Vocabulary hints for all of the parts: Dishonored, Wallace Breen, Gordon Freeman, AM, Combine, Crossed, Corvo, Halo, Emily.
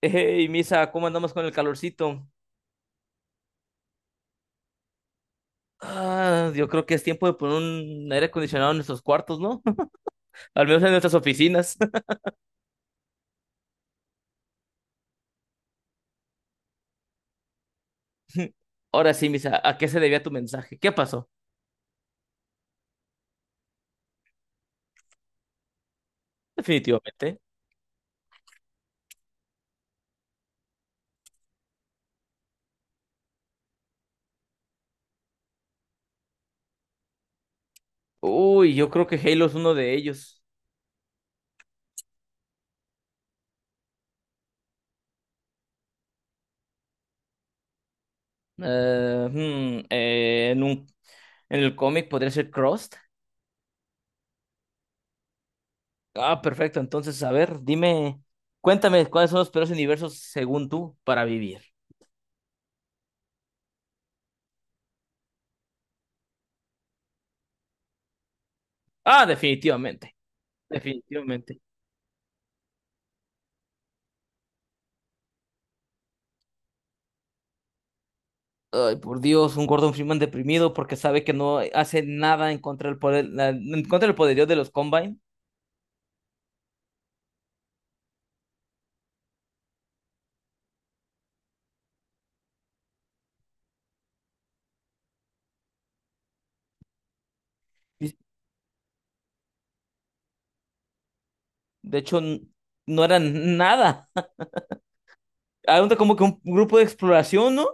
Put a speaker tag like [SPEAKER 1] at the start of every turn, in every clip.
[SPEAKER 1] Hey, Misa, ¿cómo andamos con el calorcito? Ah, yo creo que es tiempo de poner un aire acondicionado en nuestros cuartos, ¿no? Al menos en nuestras oficinas. Ahora sí, Misa, ¿a qué se debía tu mensaje? ¿Qué pasó? Definitivamente. Uy, yo creo que Halo es uno de ellos. Eh, hmm, eh, en un, en el cómic podría ser Crossed. Ah, perfecto. Entonces, a ver, dime, cuéntame cuáles son los peores universos según tú para vivir. Ah, definitivamente. Definitivamente. Ay, por Dios, un Gordon Freeman deprimido porque sabe que no hace nada en contra del poder, en contra del poderío de los Combine. Y, De hecho, no eran nada. Era como que un grupo de exploración, ¿no?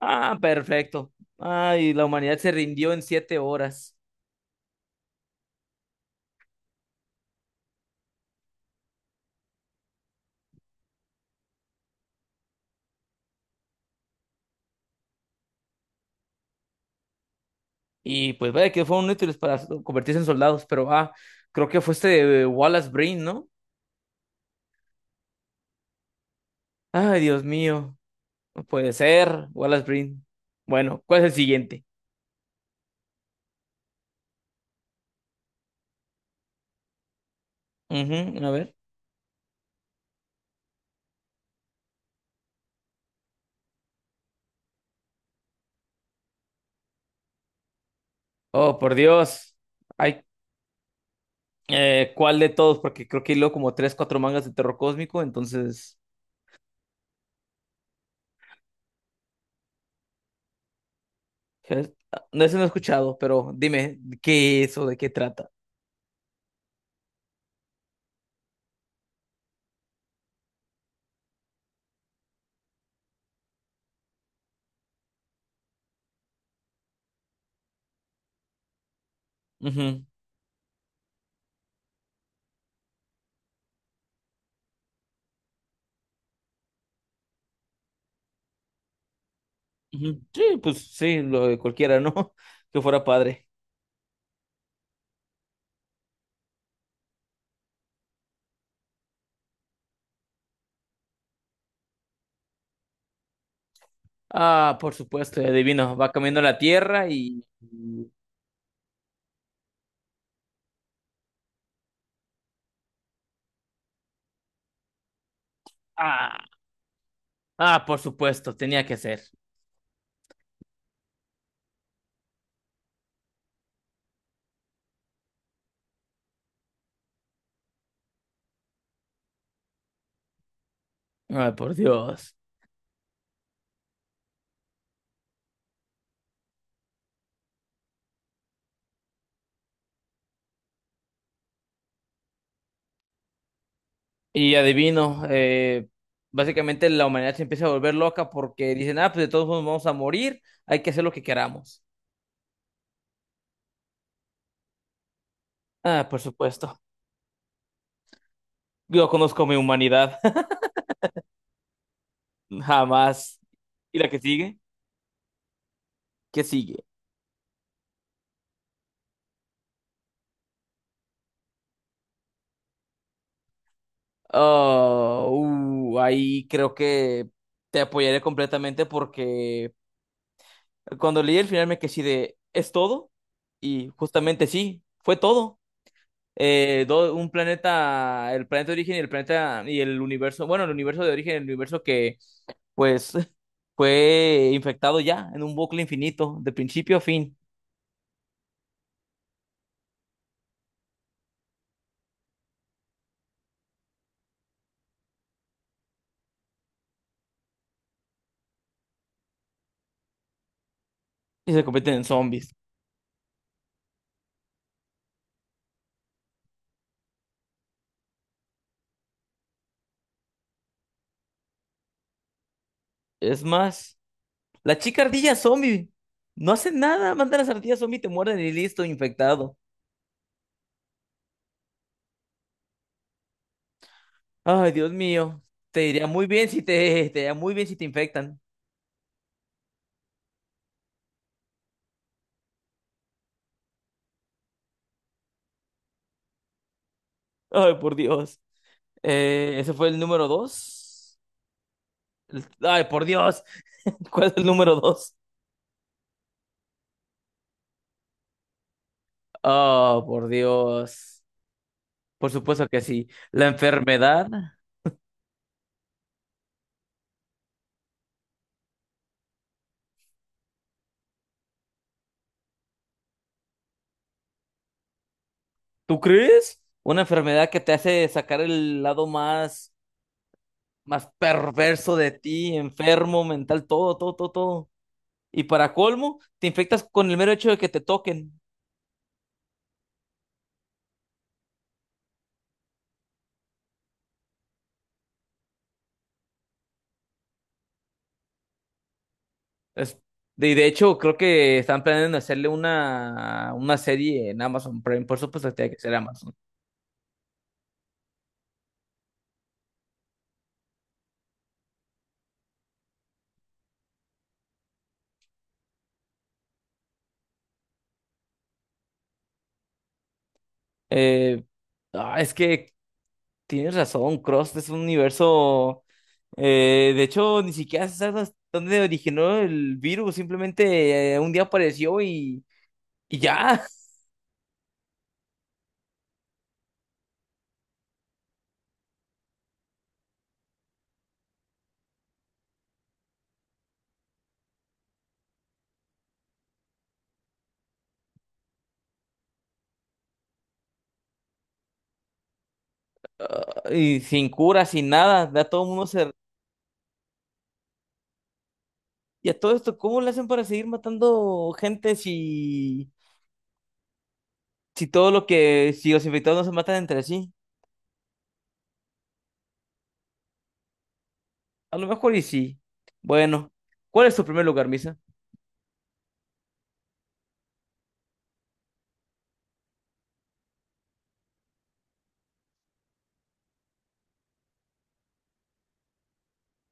[SPEAKER 1] Ah, perfecto. Ay, la humanidad se rindió en 7 horas. Y pues vaya que fueron útiles para convertirse en soldados, pero creo que fue este Wallace Breen, ¿no? Ay, Dios mío. Puede ser, Wallace Breen. Bueno, ¿cuál es el siguiente? Ujú, a ver. Oh, por Dios. Hay, ¿cuál de todos? Porque creo que hilo como tres, cuatro mangas de terror cósmico, entonces... ¿qué? No, ese no he escuchado, pero dime, ¿qué es o de qué trata? Ujú, ujú. Sí, pues sí, lo de cualquiera, ¿no? Que fuera padre. Ah, por supuesto, adivino. Va cambiando la tierra Ah, ah, por supuesto, tenía que ser. Ay, por Dios. Y adivino, básicamente la humanidad se empieza a volver loca porque dicen, ah, pues de todos modos vamos a morir, hay que hacer lo que queramos. Ah, por supuesto. Yo conozco mi humanidad, jamás. ¿Y la que sigue? ¿Qué sigue? Oh, ahí creo que te apoyaré completamente porque cuando leí el final me quedé así de, ¿es todo? Y justamente sí, fue todo. Un planeta, el planeta de origen y el planeta y el universo, bueno, el universo de origen, el universo que pues fue infectado ya en un bucle infinito, de principio a fin, y se convierten en zombies. Es más, la chica ardilla zombie no hace nada, manda las ardillas zombie, te muerden y listo, infectado. Ay, Dios mío, te diría muy bien si te, te iría muy bien si te infectan. Ay, por Dios. Ese fue el número dos. Ay, por Dios. ¿Cuál es el número dos? Oh, por Dios. Por supuesto que sí. La enfermedad, ¿tú crees? Una enfermedad que te hace sacar el lado más, más perverso de ti, enfermo, mental, todo, todo, todo, todo. Y para colmo, te infectas con el mero hecho de que te toquen. Es- y de hecho, creo que están planeando hacerle una serie en Amazon Prime. Por supuesto que tiene que ser Amazon. Eh, es que tienes razón, Cross es un universo. De hecho, ni siquiera se sabe hasta dónde originó el virus, simplemente un día apareció y ya. Ah, y sin cura, sin nada. Ya todo el mundo se. Y a todo esto, ¿cómo le hacen para seguir matando gente si, todo lo que. ¿Si los infectados no se matan entre sí? A lo mejor y sí. Bueno, ¿cuál es tu primer lugar, Misa?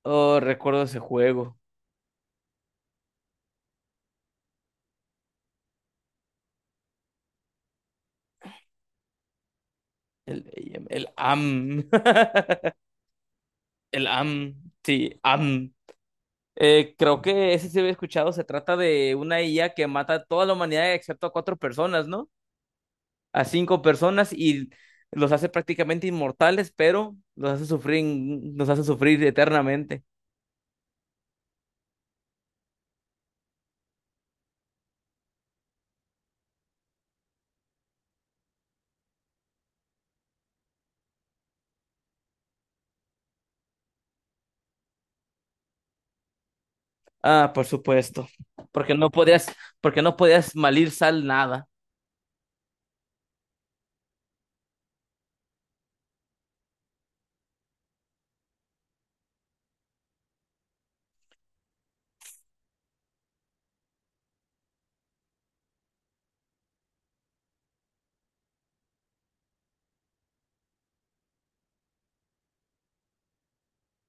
[SPEAKER 1] Oh, recuerdo ese juego. El, el AM. El AM. Sí, AM. Creo que ese sí había escuchado, se trata de una IA que mata a toda la humanidad excepto a cuatro personas, ¿no? A cinco personas y los hace prácticamente inmortales, pero los hace sufrir eternamente. Ah, por supuesto, porque no podías, porque no podías malir sal nada.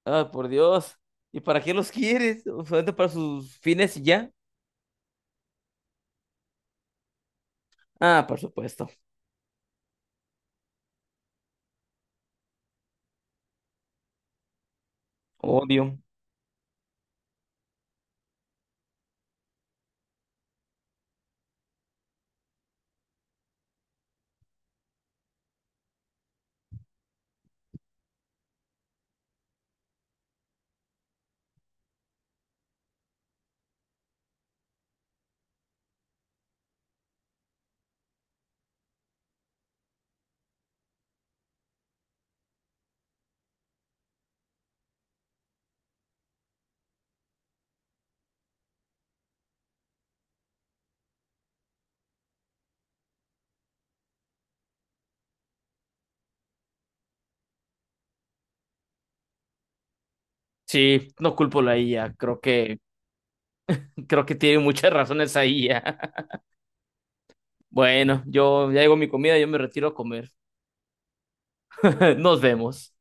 [SPEAKER 1] Ah, por Dios. ¿Y para qué los quieres? ¿Solamente para sus fines y ya? Ah, por supuesto. Odio. Sí, no culpo a la IA, creo que tiene muchas razones ahí. Bueno, yo ya llegó mi comida, yo me retiro a comer. Nos vemos.